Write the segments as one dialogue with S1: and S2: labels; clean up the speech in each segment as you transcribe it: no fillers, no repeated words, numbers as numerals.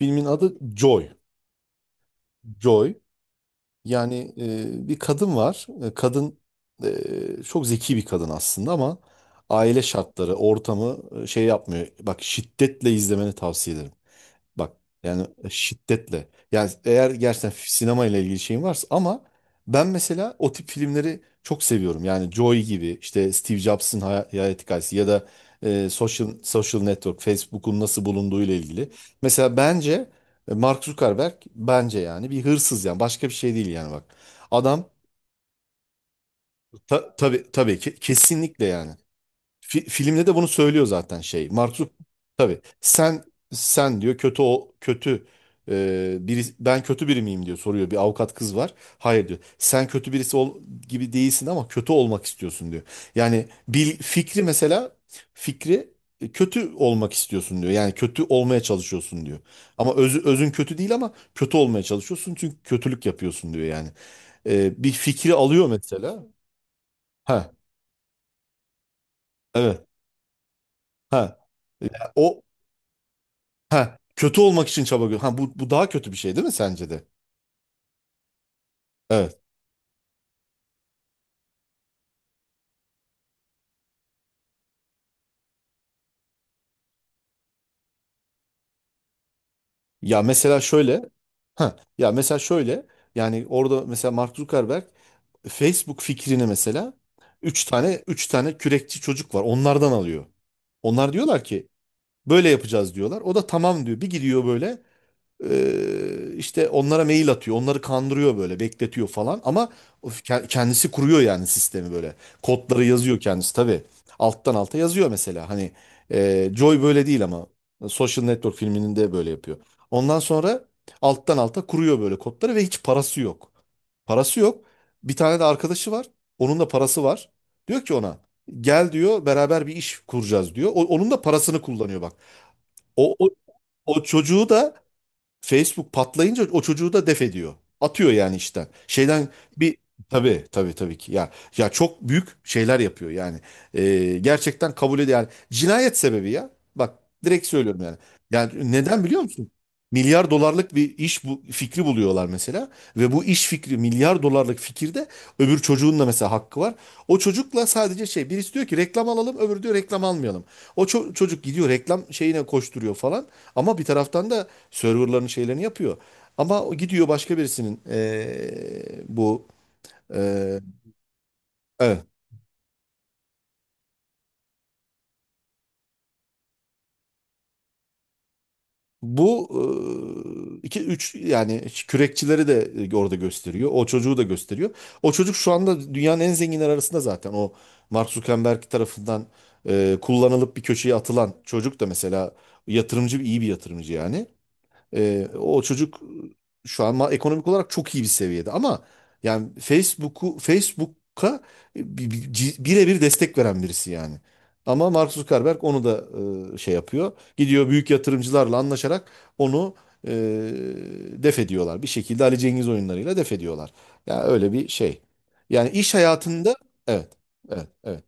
S1: Filmin adı Joy. Joy. Yani bir kadın var. Kadın çok zeki bir kadın aslında ama aile şartları, ortamı şey yapmıyor. Bak, şiddetle izlemeni tavsiye ederim. Bak, yani şiddetle. Yani eğer gerçekten sinema ile ilgili şeyin varsa, ama ben mesela o tip filmleri çok seviyorum. Yani Joy gibi işte Steve Jobs'ın hayat hikayesi ya da Social Network, Facebook'un nasıl bulunduğu ile ilgili. Mesela bence Mark Zuckerberg bence yani bir hırsız, yani başka bir şey değil yani, bak. Adam tabii ki kesinlikle yani. Filmde de bunu söylüyor zaten, şey. Tabii sen diyor, kötü, o kötü, biri, ben kötü biri miyim diyor, soruyor. Bir avukat kız var. Hayır diyor. Sen kötü birisi ol, gibi değilsin ama kötü olmak istiyorsun diyor. Yani fikri, mesela fikri, kötü olmak istiyorsun diyor. Yani kötü olmaya çalışıyorsun diyor. Ama özün kötü değil ama kötü olmaya çalışıyorsun çünkü kötülük yapıyorsun diyor yani. Bir fikri alıyor mesela. Ha, evet. Ha. O Ha, kötü olmak için çaba gö- Ha, bu daha kötü bir şey değil mi sence de? Evet. Ya mesela şöyle ha ya mesela şöyle, yani orada mesela Mark Zuckerberg Facebook fikrini, mesela üç tane kürekçi çocuk var. Onlardan alıyor. Onlar diyorlar ki, böyle yapacağız diyorlar. O da tamam diyor. Bir gidiyor böyle. İşte onlara mail atıyor. Onları kandırıyor böyle, bekletiyor falan ama o kendisi kuruyor yani sistemi böyle. Kodları yazıyor kendisi tabii. Alttan alta yazıyor mesela. Hani Joy böyle değil ama Social Network filminin de böyle yapıyor. Ondan sonra alttan alta kuruyor böyle kodları ve hiç parası yok. Parası yok. Bir tane de arkadaşı var. Onun da parası var. Diyor ki ona, gel diyor, beraber bir iş kuracağız diyor. Onun da parasını kullanıyor, bak. O, o, o çocuğu da, Facebook patlayınca, o çocuğu da def ediyor. Atıyor yani işten. Şeyden bir tabii tabii tabii ki, ya çok büyük şeyler yapıyor yani. Gerçekten kabul ediyor yani. Cinayet sebebi ya. Bak, direkt söylüyorum yani. Yani neden biliyor musun? Milyar dolarlık bir iş bu, fikri buluyorlar mesela ve bu iş fikri milyar dolarlık fikirde, öbür çocuğun da mesela hakkı var. O çocukla sadece şey, birisi diyor ki reklam alalım, öbürü diyor reklam almayalım. O çocuk gidiyor reklam şeyine koşturuyor falan. Ama bir taraftan da serverların şeylerini yapıyor. Ama o gidiyor başka birisinin bu eee, evet, bu iki üç yani kürekçileri de orada gösteriyor. O çocuğu da gösteriyor. O çocuk şu anda dünyanın en zenginler arasında zaten. O, Mark Zuckerberg tarafından kullanılıp bir köşeye atılan çocuk da mesela, yatırımcı, iyi bir yatırımcı yani. O çocuk şu an ekonomik olarak çok iyi bir seviyede ama yani Facebook'a birebir destek veren birisi yani. Ama Mark Zuckerberg onu da şey yapıyor. Gidiyor büyük yatırımcılarla anlaşarak onu e, def ediyorlar. Bir şekilde Ali Cengiz oyunlarıyla def ediyorlar. Ya öyle bir şey. Yani iş hayatında, evet. Evet, evet.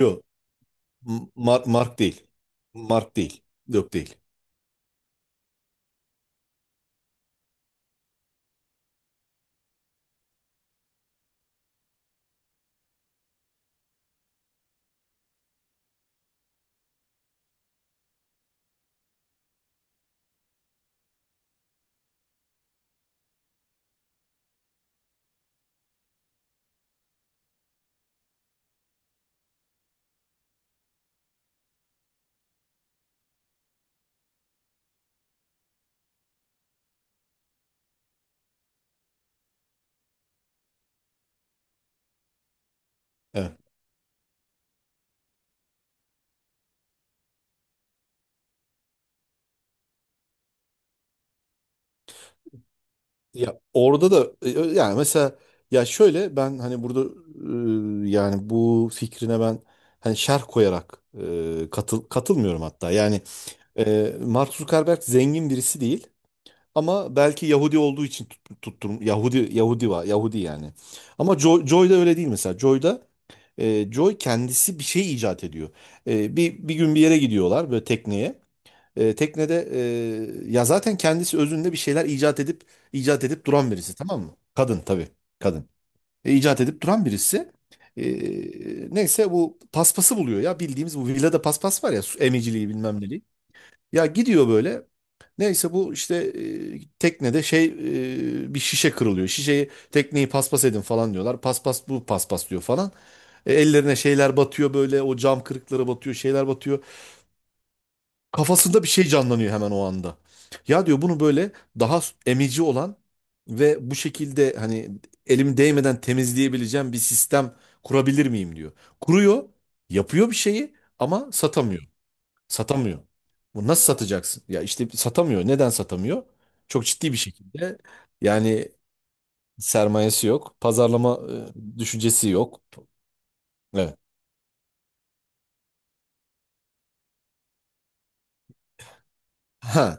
S1: Yok. Mark değil. Mark değil. Yok değil. Evet. Ya orada da yani mesela, ya şöyle, ben hani burada yani bu fikrine ben hani şerh koyarak katılmıyorum hatta. Yani Mark Zuckerberg zengin birisi değil ama belki Yahudi olduğu için tutturum Yahudi, Yahudi var, Yahudi yani. Ama Joy, Joy da öyle değil mesela. Joy da Joy kendisi bir şey icat ediyor. Bir gün bir yere gidiyorlar böyle, tekneye. Teknede ya zaten kendisi özünde bir şeyler icat edip icat edip duran birisi, tamam mı? Kadın tabii, kadın. İcat edip duran birisi. E, Neyse bu paspası buluyor ya, bildiğimiz bu villada paspas var ya, su emiciliği bilmem neliği. Ya gidiyor böyle. Neyse bu işte teknede şey, bir şişe kırılıyor. Şişeyi, tekneyi paspas edin falan diyorlar. Paspas, bu paspas diyor falan. Ellerine şeyler batıyor böyle, o cam kırıkları batıyor, şeyler batıyor. Kafasında bir şey canlanıyor hemen o anda. Ya diyor, bunu böyle daha emici olan ve bu şekilde hani, elim değmeden temizleyebileceğim bir sistem kurabilir miyim diyor. Kuruyor, yapıyor bir şeyi ama satamıyor. Satamıyor. Bu nasıl satacaksın? Ya işte satamıyor. Neden satamıyor? Çok ciddi bir şekilde yani sermayesi yok, pazarlama düşüncesi yok. Evet. Ha,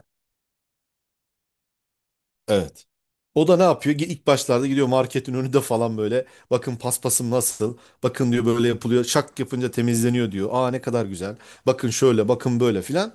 S1: evet. O da ne yapıyor? İlk başlarda gidiyor marketin önünde falan böyle. Bakın paspasım nasıl? Bakın diyor, böyle yapılıyor. Şak yapınca temizleniyor diyor. Aa, ne kadar güzel. Bakın şöyle, bakın böyle filan.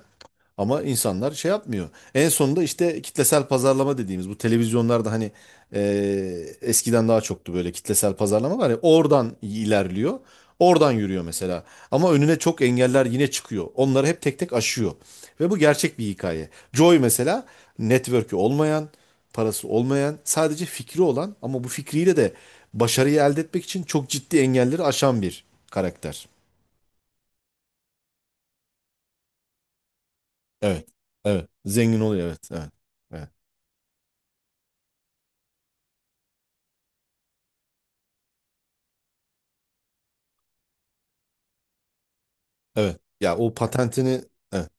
S1: Ama insanlar şey yapmıyor. En sonunda işte kitlesel pazarlama dediğimiz bu televizyonlarda, hani, e, eskiden daha çoktu böyle, kitlesel pazarlama var ya, oradan ilerliyor. Oradan yürüyor mesela. Ama önüne çok engeller yine çıkıyor. Onları hep tek tek aşıyor. Ve bu gerçek bir hikaye. Joy mesela network'ü olmayan, parası olmayan, sadece fikri olan ama bu fikriyle de başarıyı elde etmek için çok ciddi engelleri aşan bir karakter. Evet. Evet. Zengin oluyor. Evet. Evet. Evet. Evet. Ya o patentini, evet.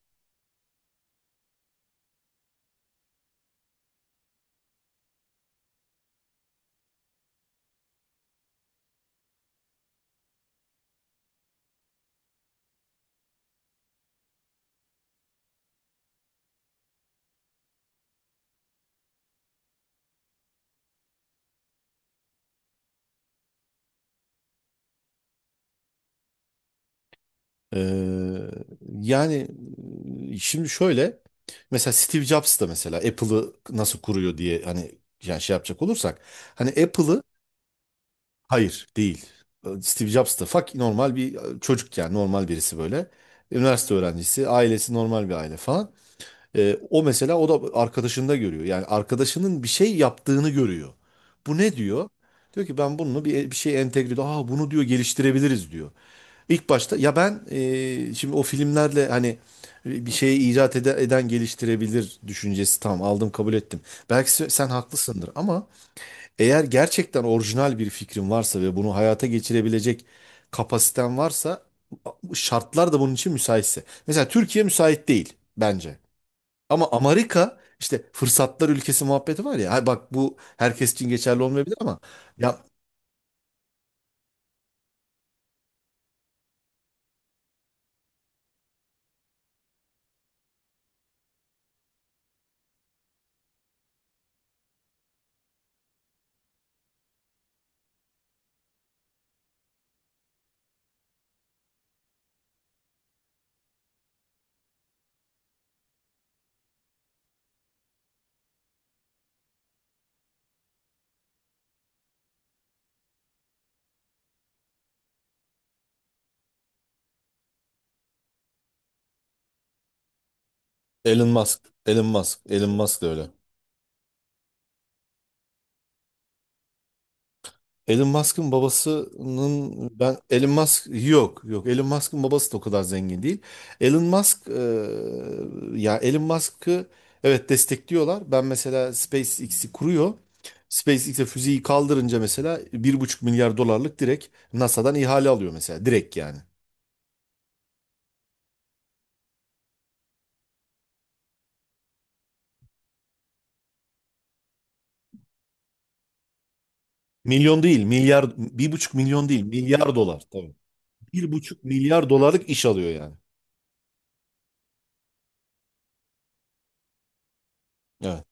S1: Ee, Yani şimdi şöyle, mesela Steve Jobs da mesela Apple'ı nasıl kuruyor diye, hani yani şey yapacak olursak hani Apple'ı, hayır değil. Steve Jobs da normal bir çocuk, yani normal birisi böyle. Üniversite öğrencisi, ailesi normal bir aile falan. O mesela, o da arkadaşında görüyor. Yani arkadaşının bir şey yaptığını görüyor. Bu ne diyor? Diyor ki, ben bunu bir şey entegre ediyor. Aa, bunu diyor geliştirebiliriz diyor. İlk başta ya ben şimdi o filmlerle, hani bir şeyi eden geliştirebilir düşüncesi, tamam aldım, kabul ettim. Belki sen haklısındır ama eğer gerçekten orijinal bir fikrin varsa ve bunu hayata geçirebilecek kapasiten varsa, şartlar da bunun için müsaitse. Mesela Türkiye müsait değil bence. Ama Amerika işte fırsatlar ülkesi muhabbeti var ya. Ha, bak, bu herkes için geçerli olmayabilir ama ya Elon Musk, Elon Musk da öyle. Elon Musk'ın babası da o kadar zengin değil. Elon Musk ya Elon Musk'ı, evet, destekliyorlar. Ben mesela SpaceX'i kuruyor. SpaceX'e füzeyi kaldırınca mesela 1,5 milyar dolarlık direkt NASA'dan ihale alıyor mesela, direkt yani. Milyon değil milyar, bir buçuk milyon değil milyar dolar tabii. 1,5 milyar dolarlık iş alıyor yani. Evet.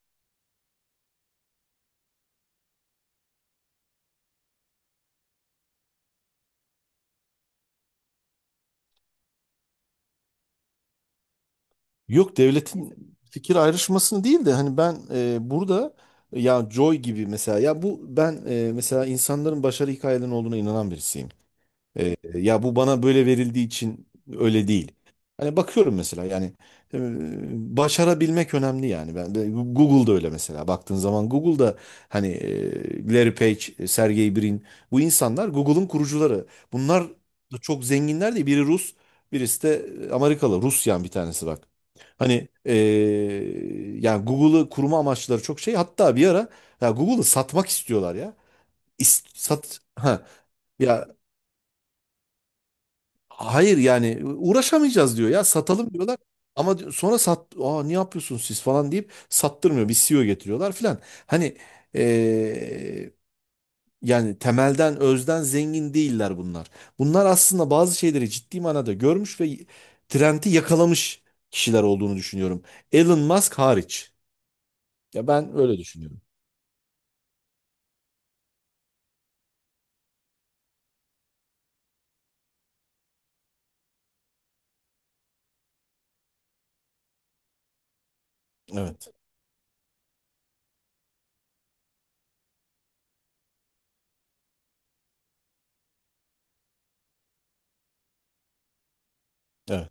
S1: Yok, devletin fikir ayrışmasını değil de, hani ben burada, ya Joy gibi mesela, ya bu ben mesela insanların başarı hikayelerinin olduğuna inanan birisiyim. Ya bu bana böyle verildiği için öyle değil. Hani bakıyorum mesela yani e, başarabilmek önemli yani. Ben de Google'da öyle, mesela baktığın zaman Google'da hani Larry Page, Sergey Brin, bu insanlar Google'ın kurucuları. Bunlar da çok zenginler değil. Biri Rus, birisi de Amerikalı. Rusyan bir tanesi, bak. Hani yani Google'ı kurma amaçları çok şey. Hatta bir ara ya Google'ı satmak istiyorlar ya. İst- sat ha ya Hayır yani, uğraşamayacağız diyor, ya satalım diyorlar. Sonra aa, ne yapıyorsunuz siz falan deyip sattırmıyor. Bir CEO getiriyorlar filan. Hani eee, yani temelden özden zengin değiller bunlar. Bunlar aslında bazı şeyleri ciddi manada görmüş ve trendi yakalamış kişiler olduğunu düşünüyorum. Elon Musk hariç. Ya ben öyle düşünüyorum. Evet. Evet.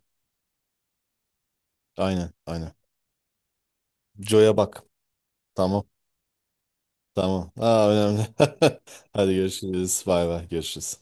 S1: Aynen. Aynen. Joe'ya bak. Tamam. Tamam. Aa, önemli. Hadi görüşürüz. Bay bay. Görüşürüz.